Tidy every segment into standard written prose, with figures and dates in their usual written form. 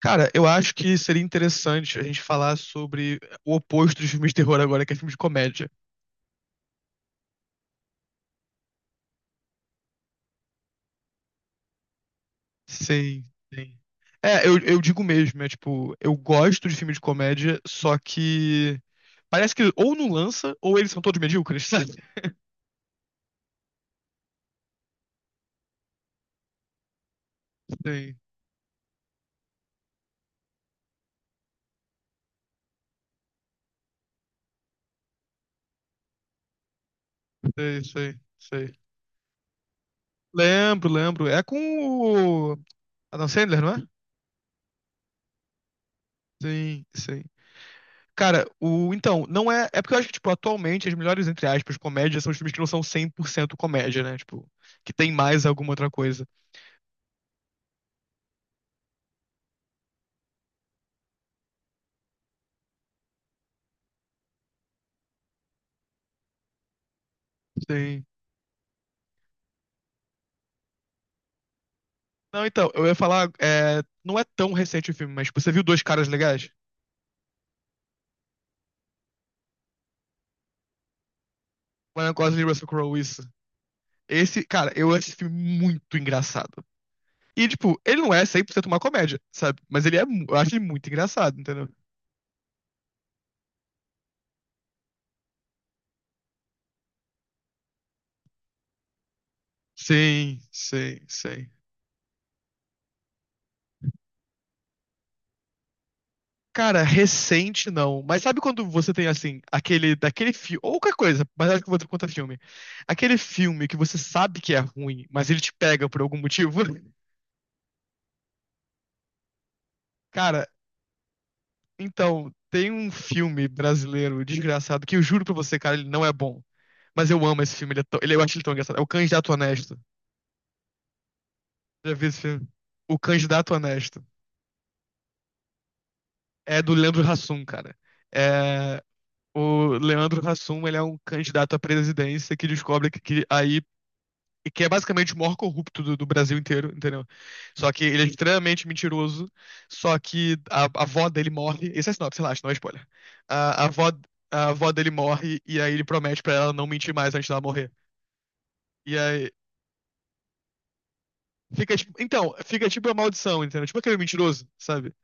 Cara, eu acho que seria interessante a gente falar sobre o oposto dos filmes de terror agora, que é filme de comédia. Sim, sim. É, eu digo mesmo, é tipo, eu gosto de filme de comédia, só que parece que ou não lança, ou eles são todos medíocres, sabe? Sim, sei, sei, sei. Lembro, lembro. É com o Adam Sandler, não é? Sim, sim. Cara, o. então, não é. É porque eu acho que, tipo, atualmente as melhores, entre aspas, comédias são os filmes que não são 100% comédia, né? Tipo, que tem mais alguma outra coisa. Sim. Não, então, eu ia falar. Não é tão recente o filme, mas, tipo, você viu Dois Caras Legais? Ryan Gosling e Russell Crowe, isso. Esse, cara, eu acho esse filme muito engraçado. E, tipo, ele não é 100% uma comédia, sabe? Mas ele é. Eu acho ele muito engraçado, entendeu? Sim, sim, sim. Cara, recente não. Mas sabe quando você tem assim, aquele daquele filme, ou qualquer coisa, mas acho que eu vou ter conta filme. Aquele filme que você sabe que é ruim, mas ele te pega por algum motivo? Cara, então, tem um filme brasileiro desgraçado que eu juro pra você, cara, ele não é bom. Mas eu amo esse filme, ele é eu acho ele tão engraçado. É o Candidato Honesto. Já vi esse filme? O Candidato Honesto. É do Leandro Hassum, cara. É, o Leandro Hassum, ele é um candidato à presidência que descobre que aí e que é basicamente o maior corrupto do Brasil inteiro, entendeu? Só que ele é extremamente mentiroso, só que a avó dele morre. Esse é sinopse, relaxa, não é spoiler. A, a avó, a avó dele morre e aí ele promete pra ela não mentir mais antes dela morrer. E aí fica tipo, então, fica tipo uma maldição, entendeu? Tipo aquele mentiroso, sabe?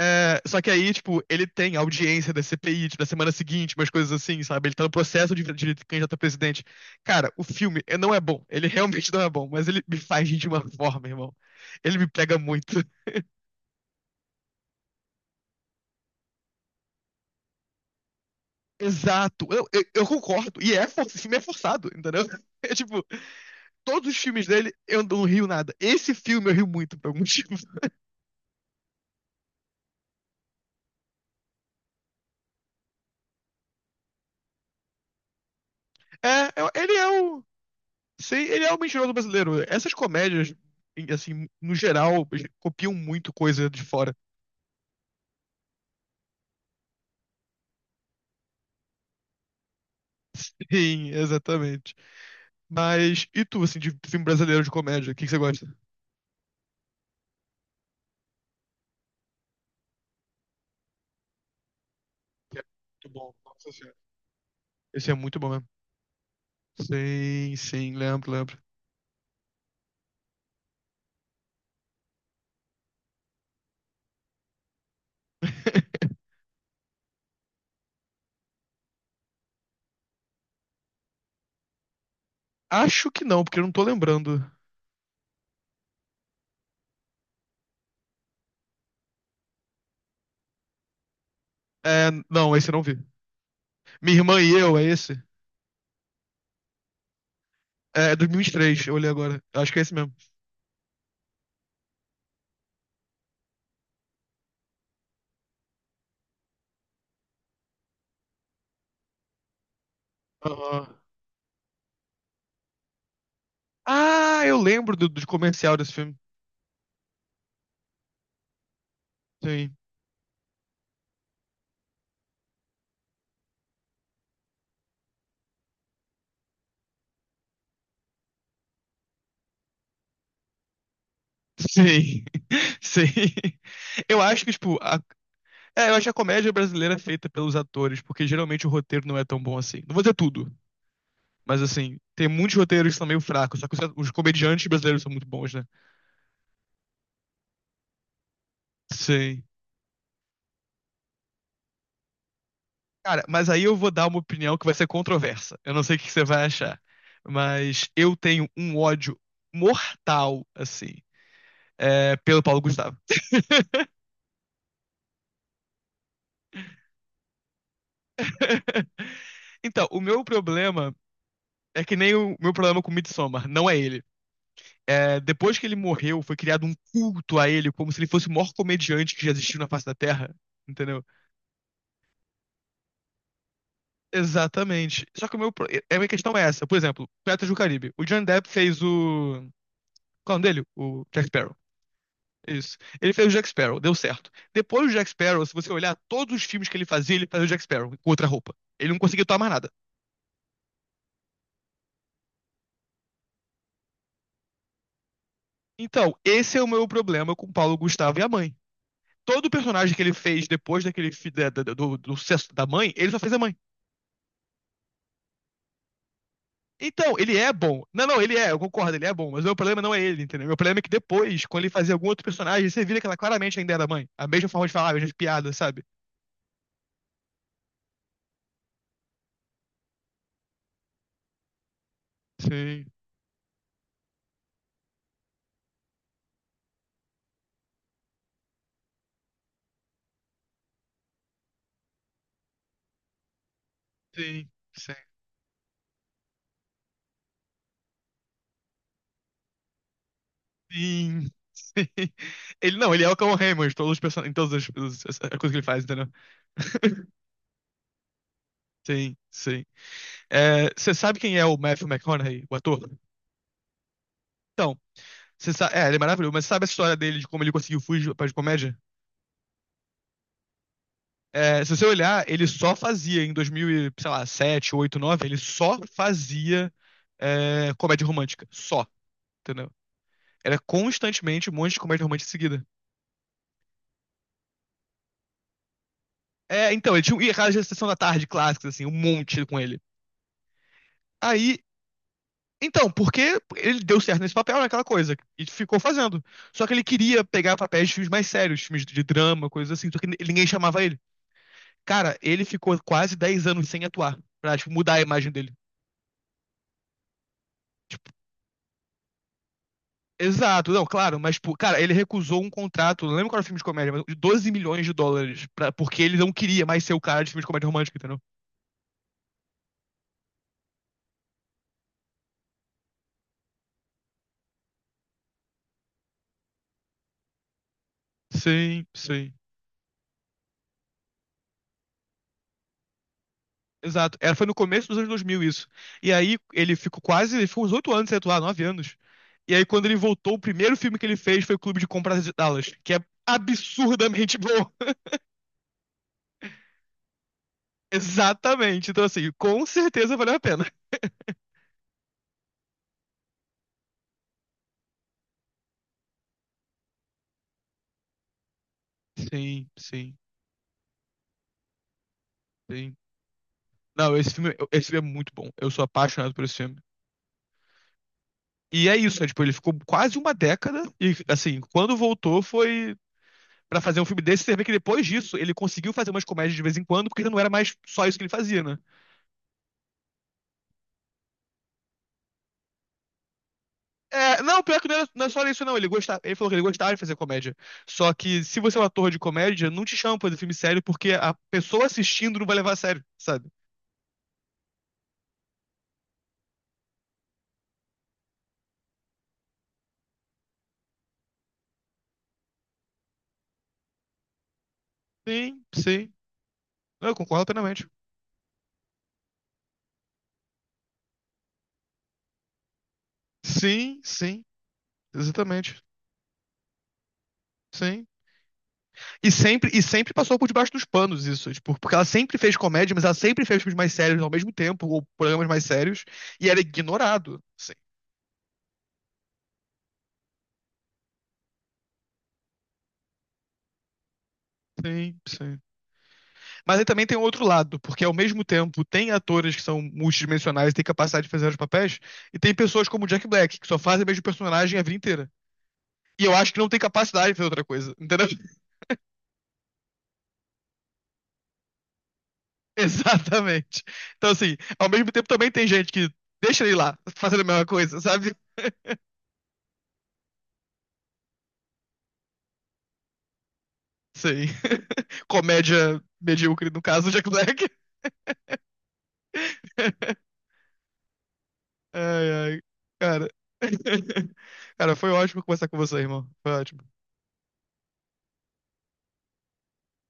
É, só que aí, tipo, ele tem audiência da CPI, tipo, da semana seguinte, umas coisas assim, sabe? Ele tá no processo de candidato a presidente. Cara, o filme não é bom. Ele realmente não é bom, mas ele me faz rir de uma forma, irmão. Ele me pega muito. Exato. Eu concordo. E esse filme é forçado, entendeu? É tipo, todos os filmes dele eu não rio nada. Esse filme eu rio muito por algum motivo. É, eu- ele é o. sei, ele é o mentiroso brasileiro. Essas comédias, assim, no geral, copiam muito coisa de fora. Sim, exatamente. Mas, e tu, assim, de filme brasileiro de comédia, o que que você gosta? Que é muito bom, nossa senhora. Esse é muito bom mesmo. Sim, sim, lembro, lembro. Acho que não, porque eu não tô lembrando. É, não, esse eu não vi. Minha irmã e eu, é esse? É, é 2023, eu olhei agora. Acho que é esse mesmo. Aham. Ah, eu lembro do comercial desse filme. Sim. Sim. Sim. Eu acho que, tipo, é, eu acho a comédia brasileira é feita pelos atores, porque geralmente o roteiro não é tão bom assim. Não vou dizer tudo, mas assim, tem muitos roteiros que são meio fracos, só que os comediantes brasileiros são muito bons, né? Sim. Cara, mas aí eu vou dar uma opinião que vai ser controversa. Eu não sei o que você vai achar, mas eu tenho um ódio mortal, assim, pelo Paulo Gustavo. Então, o meu problema é que nem o meu problema com Midsommar, não é ele. Depois que ele morreu, foi criado um culto a ele, como se ele fosse o maior comediante que já existiu na face da Terra. Entendeu? Exatamente. Só que o meu, pro- é, a minha questão é essa. Por exemplo, Piratas do Caribe. O Johnny Depp fez o. Qual é o nome dele? O Jack Sparrow. Isso. Ele fez o Jack Sparrow, deu certo. Depois do Jack Sparrow, se você olhar todos os filmes que ele fazia o Jack Sparrow com outra roupa. Ele não conseguiu tomar nada. Então, esse é o meu problema com o Paulo Gustavo e a mãe. Todo personagem que ele fez depois daquele do sucesso da mãe, ele só fez a mãe. Então, ele é bom. Não, não, ele é, eu concordo, ele é bom, mas o meu problema não é ele, entendeu? Meu problema é que depois, quando ele fazia algum outro personagem, você vira que ela claramente ainda era mãe. A mesma forma de falar, as mesmas piadas, sabe? Sim, sim, sim. Sim, sim. Ele não, ele é o Cão Raymond, em todas as as coisas que ele faz, entendeu? Sim, sim. É, você sabe quem é o Matthew McConaughey, o ator? Então, você sabe. É, ele é maravilhoso, mas sabe a história dele de como ele conseguiu fugir para de comédia? É, se você olhar, ele só fazia em 2007, 8, 9, ele só fazia comédia romântica. Só, entendeu? Era constantemente um monte de comédia romântica em seguida. É, então, ele tinha um, e aquelas de sessão da tarde clássicas, assim, um monte com ele. Aí, então, porque ele deu certo nesse papel, naquela coisa, e ficou fazendo. Só que ele queria pegar papéis de filmes mais sérios, filmes de drama, coisas assim, só que ninguém chamava ele. Cara, ele ficou quase 10 anos sem atuar, pra, tipo, mudar a imagem dele. Exato, não, claro, mas, tipo, cara, ele recusou um contrato, não lembro qual era o filme de comédia, mas de 12 milhões de dólares, porque ele não queria mais ser o cara de filme de comédia romântica, entendeu? Sim, sim. Exato, foi no começo dos anos 2000 isso. E aí ele ficou uns 8 anos sem atuar, 9 anos. E aí quando ele voltou, o primeiro filme que ele fez foi o Clube de Compras de Dallas, que é absurdamente bom. Exatamente, então assim, com certeza valeu a pena. Sim, sim, sim. Não, esse filme é muito bom, eu sou apaixonado por esse filme. E é isso, é, tipo, ele ficou quase uma década e, assim, quando voltou foi pra fazer um filme desse, você vê que depois disso ele conseguiu fazer umas comédias de vez em quando, porque não era mais só isso que ele fazia, né? É, não, pior que não, não é só isso não, ele gostava, ele falou que ele gostava de fazer comédia. Só que se você é um ator de comédia, não te chama pra fazer filme sério, porque a pessoa assistindo não vai levar a sério, sabe? Sim, sim, eu concordo plenamente. Sim, sim, exatamente, sim. E sempre passou por debaixo dos panos isso, tipo, porque ela sempre fez comédia, mas ela sempre fez filmes mais sérios ao mesmo tempo, ou programas mais sérios, e era ignorado. Sim, sim, sim. Mas aí também tem o outro lado, porque ao mesmo tempo tem atores que são multidimensionais, têm capacidade de fazer os papéis, e tem pessoas como o Jack Black, que só fazem o mesmo personagem a vida inteira. E eu acho que não tem capacidade de fazer outra coisa, entendeu? Exatamente. Então, assim, ao mesmo tempo também tem gente que deixa ele lá, fazendo a mesma coisa, sabe? Sim. Comédia medíocre, no caso, Jack Black. Ai, ai. Cara. Cara, foi ótimo conversar com você, irmão. Foi ótimo.